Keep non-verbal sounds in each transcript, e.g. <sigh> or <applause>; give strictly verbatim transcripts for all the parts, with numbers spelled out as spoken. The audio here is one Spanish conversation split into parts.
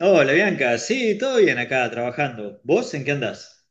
Hola Bianca, sí, todo bien acá trabajando. ¿Vos en qué andás?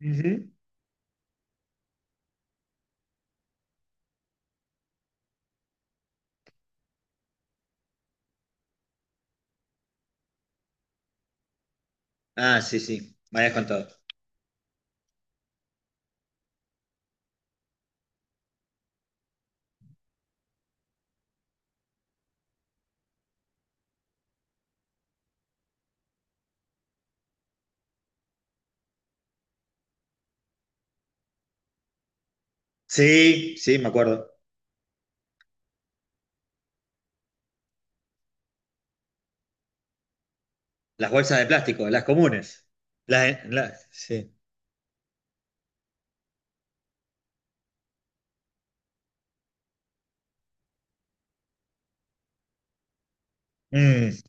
Ujú. Ah, sí, sí, me habías contado. Sí, sí, me acuerdo. Las bolsas de plástico, las comunes. Las, las- sí. Mm.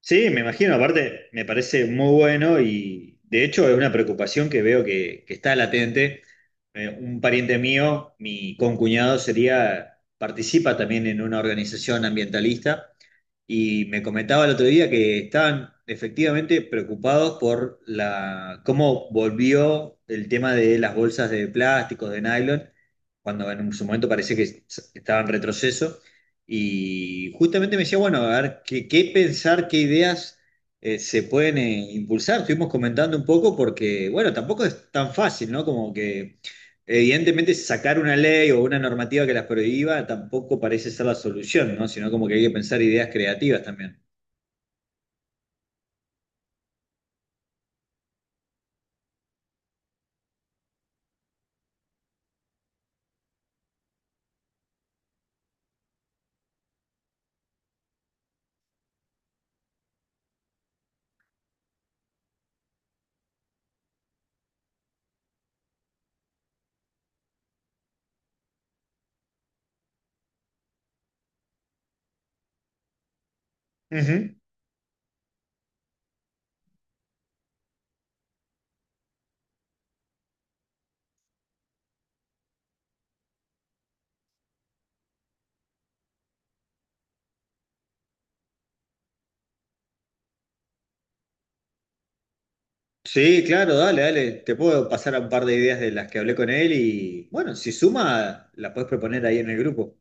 Sí, me imagino, aparte me parece muy bueno y de hecho es una preocupación que veo que, que está latente. Eh, un pariente mío, mi concuñado, sería, participa también en una organización ambientalista. Y me comentaba el otro día que estaban efectivamente preocupados por la, cómo volvió el tema de las bolsas de plásticos, de nylon, cuando en su momento parecía que s- estaba en retroceso. Y justamente me decía, bueno, a ver, qué, qué pensar, qué ideas eh, se pueden eh, impulsar. Estuvimos comentando un poco porque, bueno, tampoco es tan fácil, ¿no? Como que evidentemente, sacar una ley o una normativa que las prohíba tampoco parece ser la solución, ¿no? Sino como que hay que pensar ideas creativas también. Ujú. Sí, claro, dale, dale. Te puedo pasar a un par de ideas de las que hablé con él y bueno, si suma, la puedes proponer ahí en el grupo.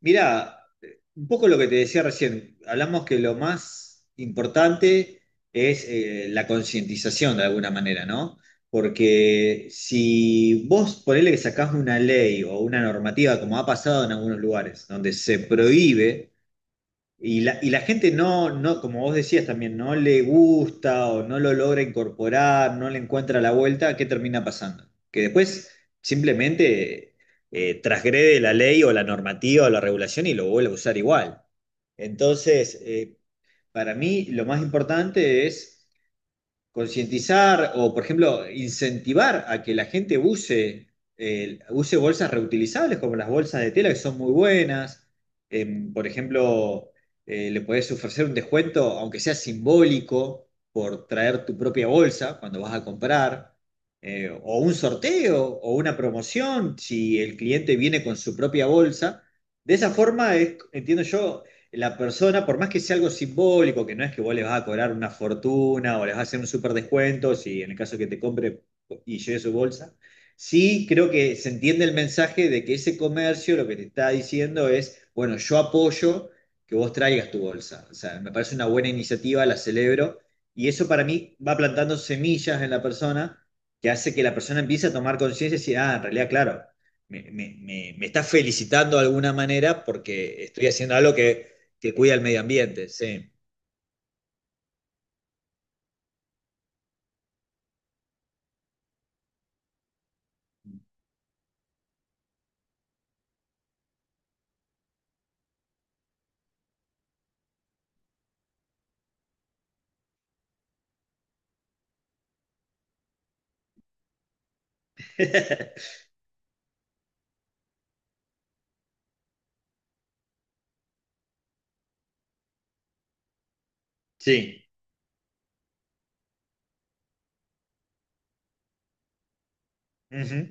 Mirá, un poco lo que te decía recién, hablamos que lo más importante es eh, la concientización de alguna manera, ¿no? Porque si vos ponele que sacás una ley o una normativa, como ha pasado en algunos lugares, donde se prohíbe y la, y la gente no, no, como vos decías también, no le gusta o no lo logra incorporar, no le encuentra la vuelta, ¿qué termina pasando? Que después simplemente eh, transgrede la ley o la normativa o la regulación y lo vuelve a usar igual. Entonces, eh, para mí lo más importante es concientizar o, por ejemplo, incentivar a que la gente use, eh, use bolsas reutilizables como las bolsas de tela, que son muy buenas. Em, por ejemplo, eh, le podés ofrecer un descuento, aunque sea simbólico, por traer tu propia bolsa cuando vas a comprar. Eh, o un sorteo o una promoción si el cliente viene con su propia bolsa. De esa forma, es, entiendo yo, la persona, por más que sea algo simbólico, que no es que vos les vas a cobrar una fortuna o les vas a hacer un súper descuento, si en el caso que te compre y lleve su bolsa, sí creo que se entiende el mensaje de que ese comercio lo que te está diciendo es, bueno, yo apoyo que vos traigas tu bolsa. O sea, me parece una buena iniciativa, la celebro, y eso para mí va plantando semillas en la persona que hace que la persona empiece a tomar conciencia y decir, ah, en realidad, claro. Me, me, me, me está felicitando de alguna manera porque estoy haciendo algo que que cuida el medio ambiente, sí. <laughs> Sí. Ujú.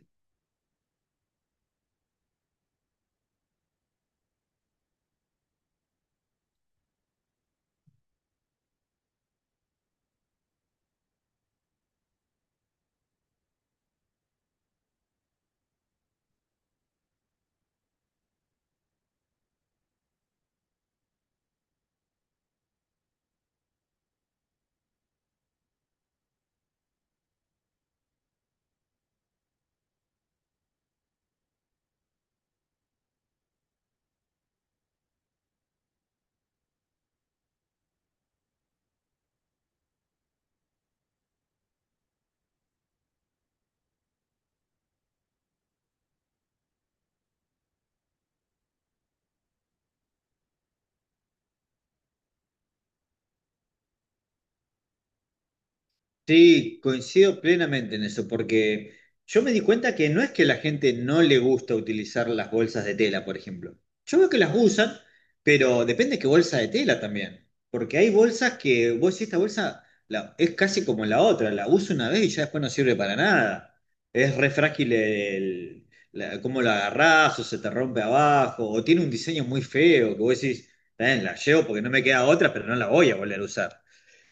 Sí, coincido plenamente en eso, porque yo me di cuenta que no es que la gente no le gusta utilizar las bolsas de tela, por ejemplo. Yo veo que las usan, pero depende qué bolsa de tela también. Porque hay bolsas que vos decís, esta bolsa la- es casi como la otra, la uso una vez y ya después no sirve para nada. Es re frágil el, la- cómo la agarrás o se te rompe abajo, o tiene un diseño muy feo que vos decís, "Está bien, la llevo porque no me queda otra, pero no la voy a volver a usar.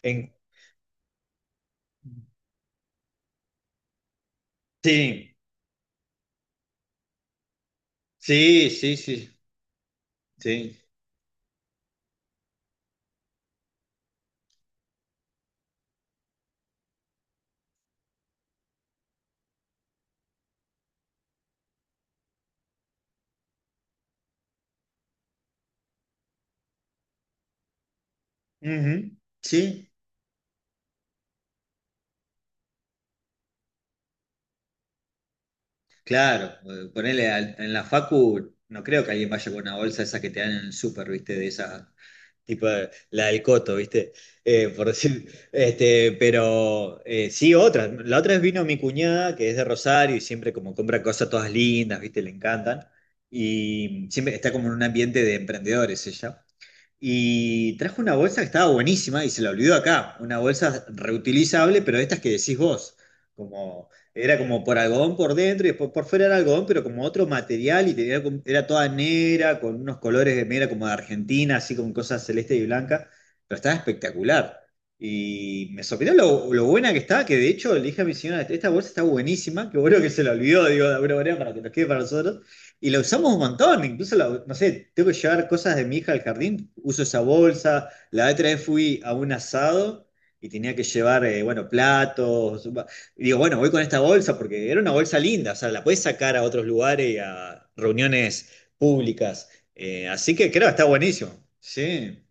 En- sí. Sí, sí, sí, sí. Ujú. Sí, claro. eh, Ponele al- en la facu, no creo que alguien vaya con una bolsa esa que te dan en el súper, ¿viste? De esa, tipo de- la del coto, ¿viste? Eh, por decir, este, pero eh, sí, otra. La otra vez vino mi cuñada, que es de Rosario, y siempre como compra cosas todas lindas, ¿viste? Le encantan. Y siempre está como en un ambiente de emprendedores ella. Y trajo una bolsa que estaba buenísima y se la olvidó acá. Una bolsa reutilizable, pero de estas que decís vos. Como, era como por algodón por dentro y después por fuera era algodón, pero como otro material y tenía, como- era toda negra, con unos colores de negra como de Argentina, así con cosas celeste y blanca. Pero estaba espectacular. Y me sorprendió lo, lo buena que estaba, que de hecho le dije a mi señora, esta bolsa está buenísima, qué bueno que se la olvidó, digo, de alguna manera, para que nos quede para nosotros. Y la usamos un montón, incluso, la- no sé, tengo que llevar cosas de mi hija al jardín, uso esa bolsa. La otra vez fui a un asado y tenía que llevar, eh, bueno, platos. Va- y digo, bueno, voy con esta bolsa porque era una bolsa linda, o sea, la puedes sacar a otros lugares y a reuniones públicas. Eh, así que creo que está buenísimo. Sí.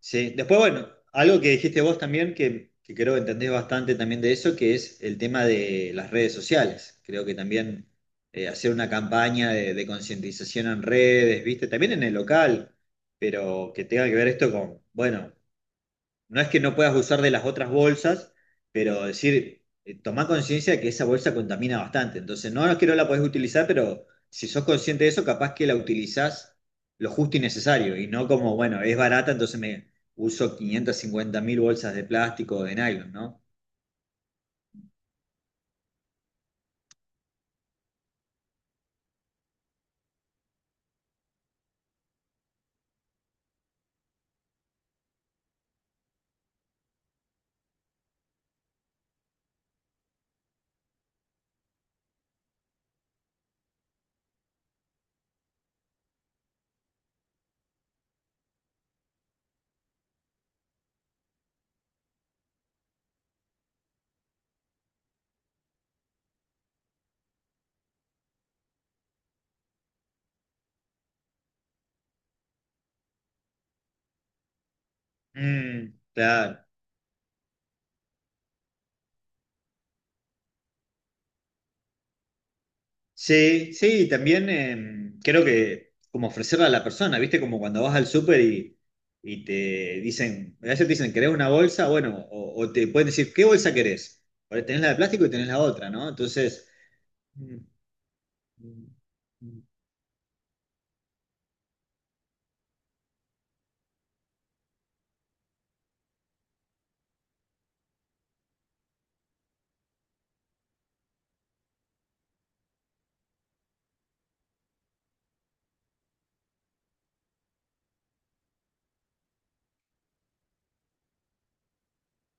Sí, después, bueno, algo que dijiste vos también, que, que creo que entendés bastante también de eso, que es el tema de las redes sociales. Creo que también eh, hacer una campaña de, de concientización en redes, ¿viste? También en el local, pero que tenga que ver esto con, bueno, no es que no puedas usar de las otras bolsas, pero decir, eh, tomá conciencia de que esa bolsa contamina bastante. Entonces, no no es que no la podés utilizar, pero si sos consciente de eso, capaz que la utilizás lo justo y necesario. Y no como, bueno, es barata, entonces me uso quinientas cincuenta mil bolsas de plástico o de nylon, ¿no? Mm, claro. Sí, sí, también em, creo que como ofrecerla a la persona, ¿viste? Como cuando vas al súper y, y te dicen, a veces te dicen, ¿querés una bolsa? Bueno, o, o te pueden decir, ¿qué bolsa querés? Porque tenés la de plástico y tenés la otra, ¿no? Entonces, mm, mm, mm,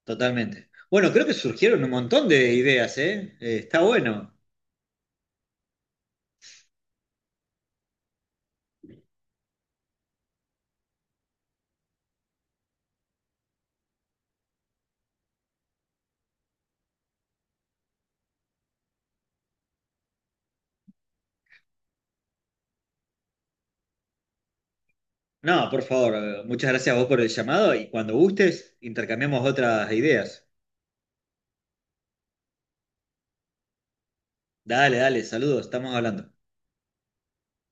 totalmente. Bueno, creo que surgieron un montón de ideas, ¿eh? Eh, está bueno. No, por favor, eh, muchas gracias a vos por el llamado y cuando gustes, intercambiamos otras ideas. Dale, dale, saludos, estamos hablando.